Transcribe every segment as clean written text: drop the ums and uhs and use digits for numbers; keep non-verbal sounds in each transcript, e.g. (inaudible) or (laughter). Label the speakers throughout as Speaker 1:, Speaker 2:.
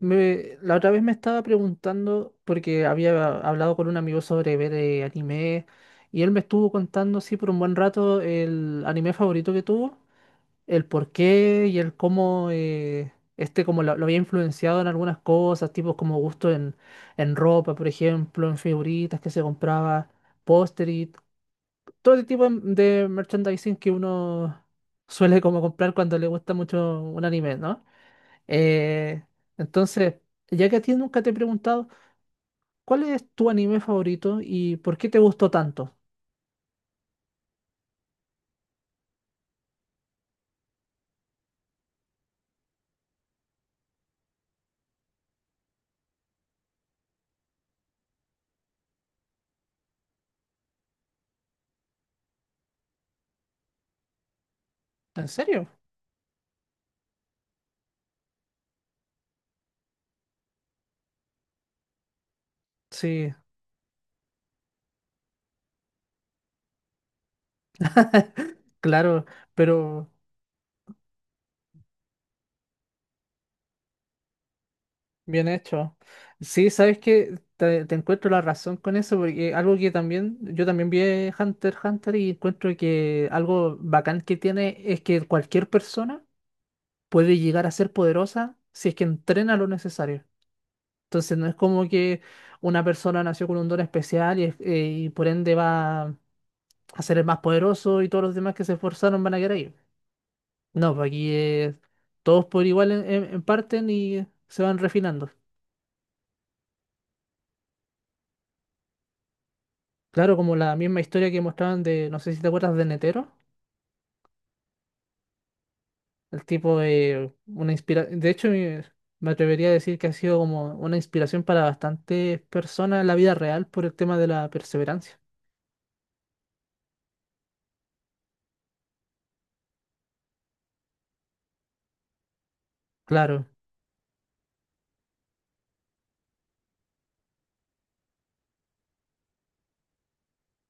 Speaker 1: Me, la otra vez me estaba preguntando, porque había hablado con un amigo sobre ver anime, y él me estuvo contando, sí, por un buen rato, el anime favorito que tuvo, el por qué y el cómo como lo había influenciado en algunas cosas, tipo como gusto en ropa, por ejemplo, en figuritas que se compraba, póster y todo el tipo de merchandising que uno suele como comprar cuando le gusta mucho un anime, ¿no? Eh, entonces, ya que a ti nunca te he preguntado, ¿cuál es tu anime favorito y por qué te gustó tanto? ¿En serio? Sí, (laughs) claro, pero bien hecho. Sí, sabes que te encuentro la razón con eso, porque algo que también, yo también vi Hunter x Hunter y encuentro que algo bacán que tiene es que cualquier persona puede llegar a ser poderosa si es que entrena lo necesario. Entonces no es como que una persona nació con un don especial y por ende va a ser el más poderoso y todos los demás que se esforzaron van a quedar ahí. No, pues aquí es todos por igual en parten y se van refinando. Claro, como la misma historia que mostraban de, no sé si te acuerdas de Netero, el tipo de una inspiración, de hecho me atrevería a decir que ha sido como una inspiración para bastantes personas en la vida real por el tema de la perseverancia. Claro,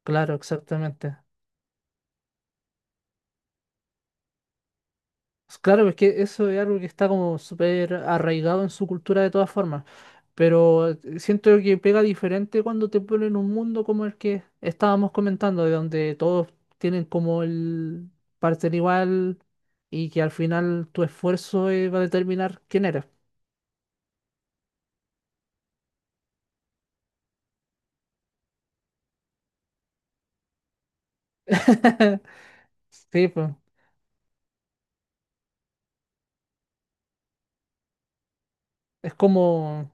Speaker 1: claro, exactamente. Claro, es que eso es algo que está como súper arraigado en su cultura de todas formas, pero siento que pega diferente cuando te ponen un mundo como el que estábamos comentando, de donde todos tienen como el parecer igual y que al final tu esfuerzo va a determinar quién eres. (laughs) Sí, pues es como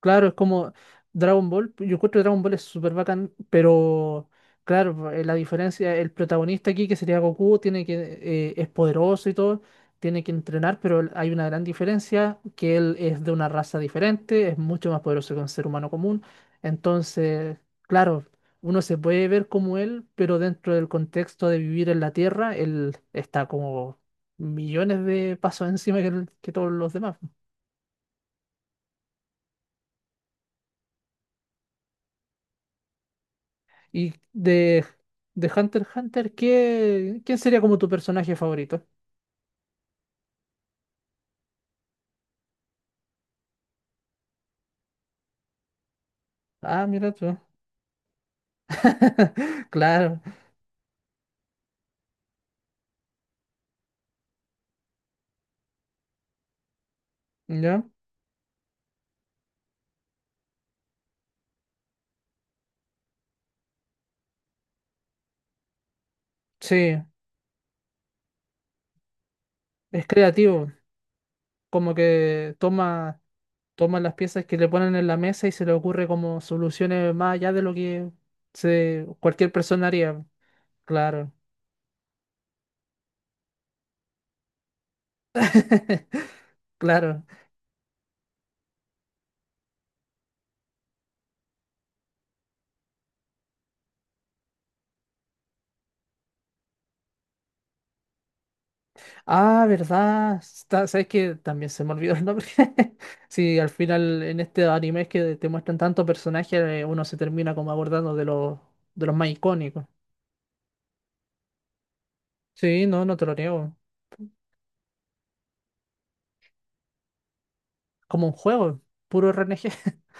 Speaker 1: Claro, es como Dragon Ball. Yo encuentro que Dragon Ball es súper bacán, pero claro, la diferencia, el protagonista aquí, que sería Goku, es poderoso y todo, tiene que entrenar, pero hay una gran diferencia, que él es de una raza diferente, es mucho más poderoso que un ser humano común. Entonces, claro, uno se puede ver como él, pero dentro del contexto de vivir en la Tierra, él está como millones de pasos encima que todos los demás. Y de Hunter x Hunter, ¿quién sería como tu personaje favorito? Ah, mira tú. (laughs) Claro, ¿ya? Sí, es creativo. Como que toma las piezas que le ponen en la mesa y se le ocurre como soluciones más allá de lo que cualquier persona haría. Claro, (laughs) claro. Ah, ¿verdad? ¿Sabes que? También se me olvidó el nombre. (laughs) Sí, al final en este anime que te muestran tantos personajes, uno se termina como abordando de de los más icónicos. Sí, no, no te lo niego. Como un juego, puro RNG. (laughs)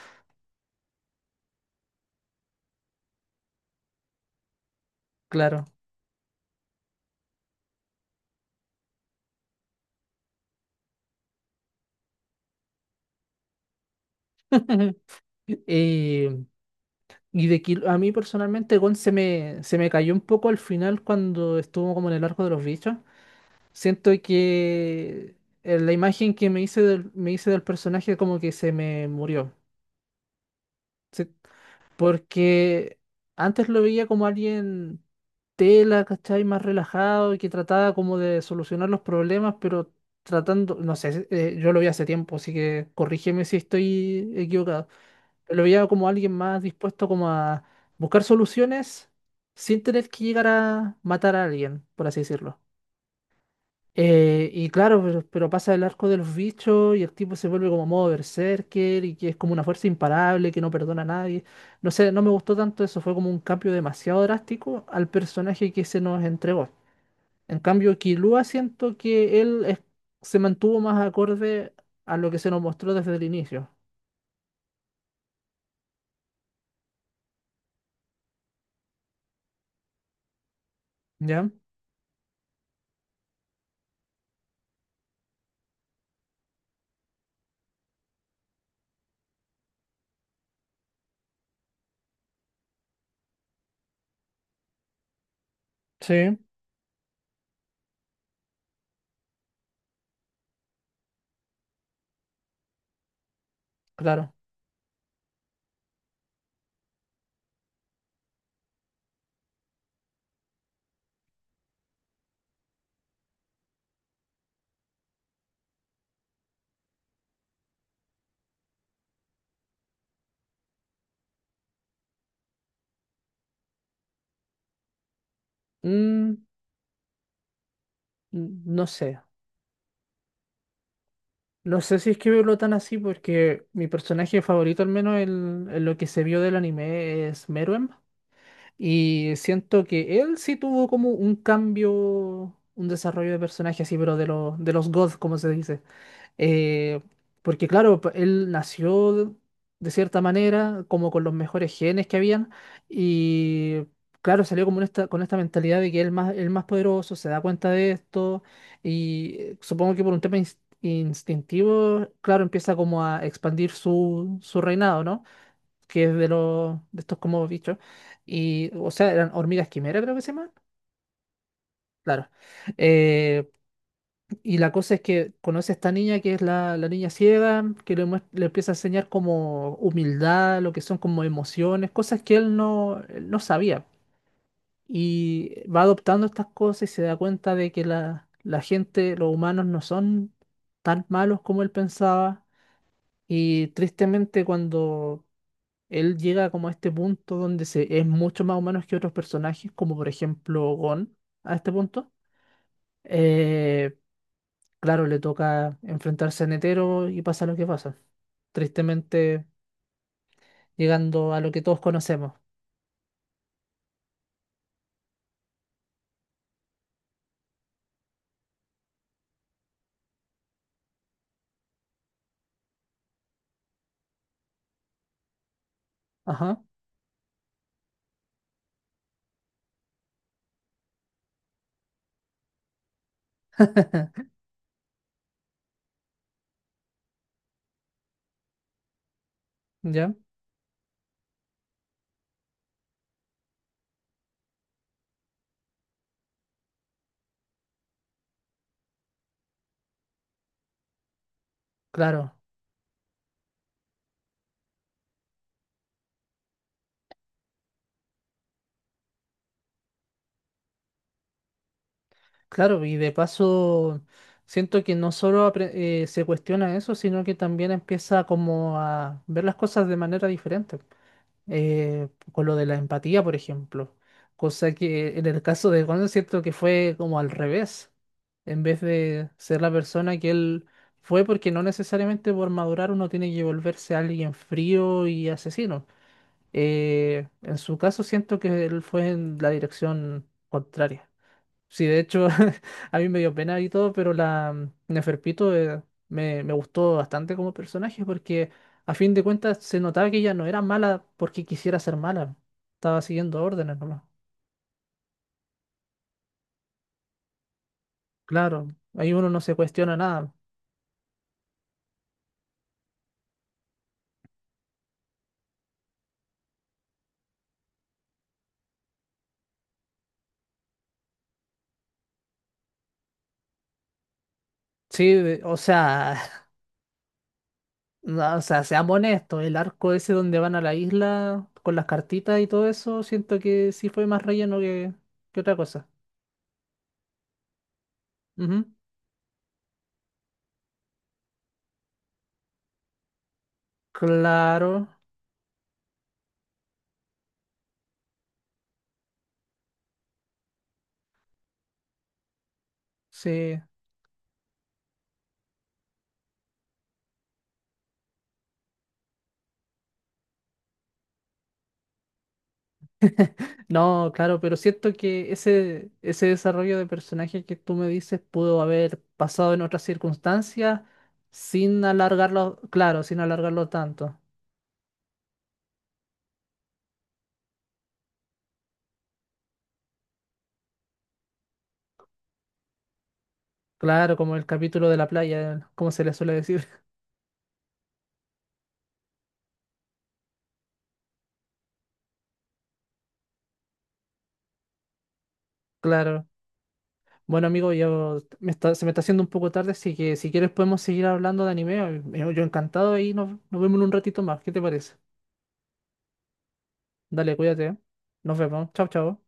Speaker 1: Claro. (laughs) Eh, a mí personalmente Gon se me cayó un poco al final cuando estuvo como en el arco de los bichos. Siento que la imagen que me hice me hice del personaje como que se me murió. Sí, porque antes lo veía como alguien tela, ¿cachai? Más relajado y que trataba como de solucionar los problemas, pero tratando, no sé, yo lo vi hace tiempo, así que corrígeme si estoy equivocado. Pero lo veía como alguien más dispuesto como a buscar soluciones sin tener que llegar a matar a alguien, por así decirlo. Y claro, pero pasa el arco de los bichos y el tipo se vuelve como modo berserker y que es como una fuerza imparable que no perdona a nadie. No sé, no me gustó tanto eso, fue como un cambio demasiado drástico al personaje que se nos entregó. En cambio, Killua siento que se mantuvo más acorde a lo que se nos mostró desde el inicio. ¿Ya? Sí, claro. Mm, no sé. No sé si es que verlo tan así porque mi personaje favorito, al menos en, lo que se vio del anime, es Meruem. Y siento que él sí tuvo como un cambio, un desarrollo de personaje así, pero de los gods, como se dice. Eh, porque claro, él nació de cierta manera, como con los mejores genes que habían, y claro, salió como en esta, con esta mentalidad de que el más poderoso se da cuenta de esto, y supongo que por un tema instintivo, claro, empieza como a expandir su reinado, ¿no? Que es de los de estos como bichos. Y, o sea, eran hormigas quimera, creo que se llaman. Claro. Eh, y la cosa es que conoce a esta niña que es la niña ciega, que le empieza a enseñar como humildad, lo que son como emociones, cosas que él no sabía. Y va adoptando estas cosas y se da cuenta de que la gente, los humanos no son tan malos como él pensaba. Y tristemente cuando él llega como a este punto donde es mucho más humano que otros personajes, como por ejemplo Gon, a este punto. Eh, claro, le toca enfrentarse a Netero y pasa lo que pasa. Tristemente llegando a lo que todos conocemos. Ajá. (laughs) ¿Ya? Claro, claro, y de paso siento que no solo apre- se cuestiona eso, sino que también empieza como a ver las cosas de manera diferente. Con lo de la empatía, por ejemplo. Cosa que en el caso de Gon siento que fue como al revés. En vez de ser la persona que él fue, porque no necesariamente por madurar uno tiene que volverse alguien frío y asesino. En su caso siento que él fue en la dirección contraria. Sí, de hecho, (laughs) a mí me dio pena y todo, pero Neferpito me gustó bastante como personaje porque a fin de cuentas se notaba que ella no era mala porque quisiera ser mala. Estaba siguiendo órdenes nomás. Claro, ahí uno no se cuestiona nada. Sí, o sea, (laughs) no, o sea, seamos honestos, el arco ese donde van a la isla con las cartitas y todo eso, siento que sí fue más relleno que otra cosa. Ujú. Claro, sí. No, claro, pero siento que ese desarrollo de personaje que tú me dices pudo haber pasado en otras circunstancias sin alargarlo, claro, sin alargarlo tanto. Claro, como el capítulo de la playa, como se le suele decir. (laughs) Claro. Bueno, amigo, se me está haciendo un poco tarde, así que si quieres podemos seguir hablando de anime. Yo encantado y nos vemos en un ratito más. ¿Qué te parece? Dale, cuídate. ¿Eh? Nos vemos. Chao, chao.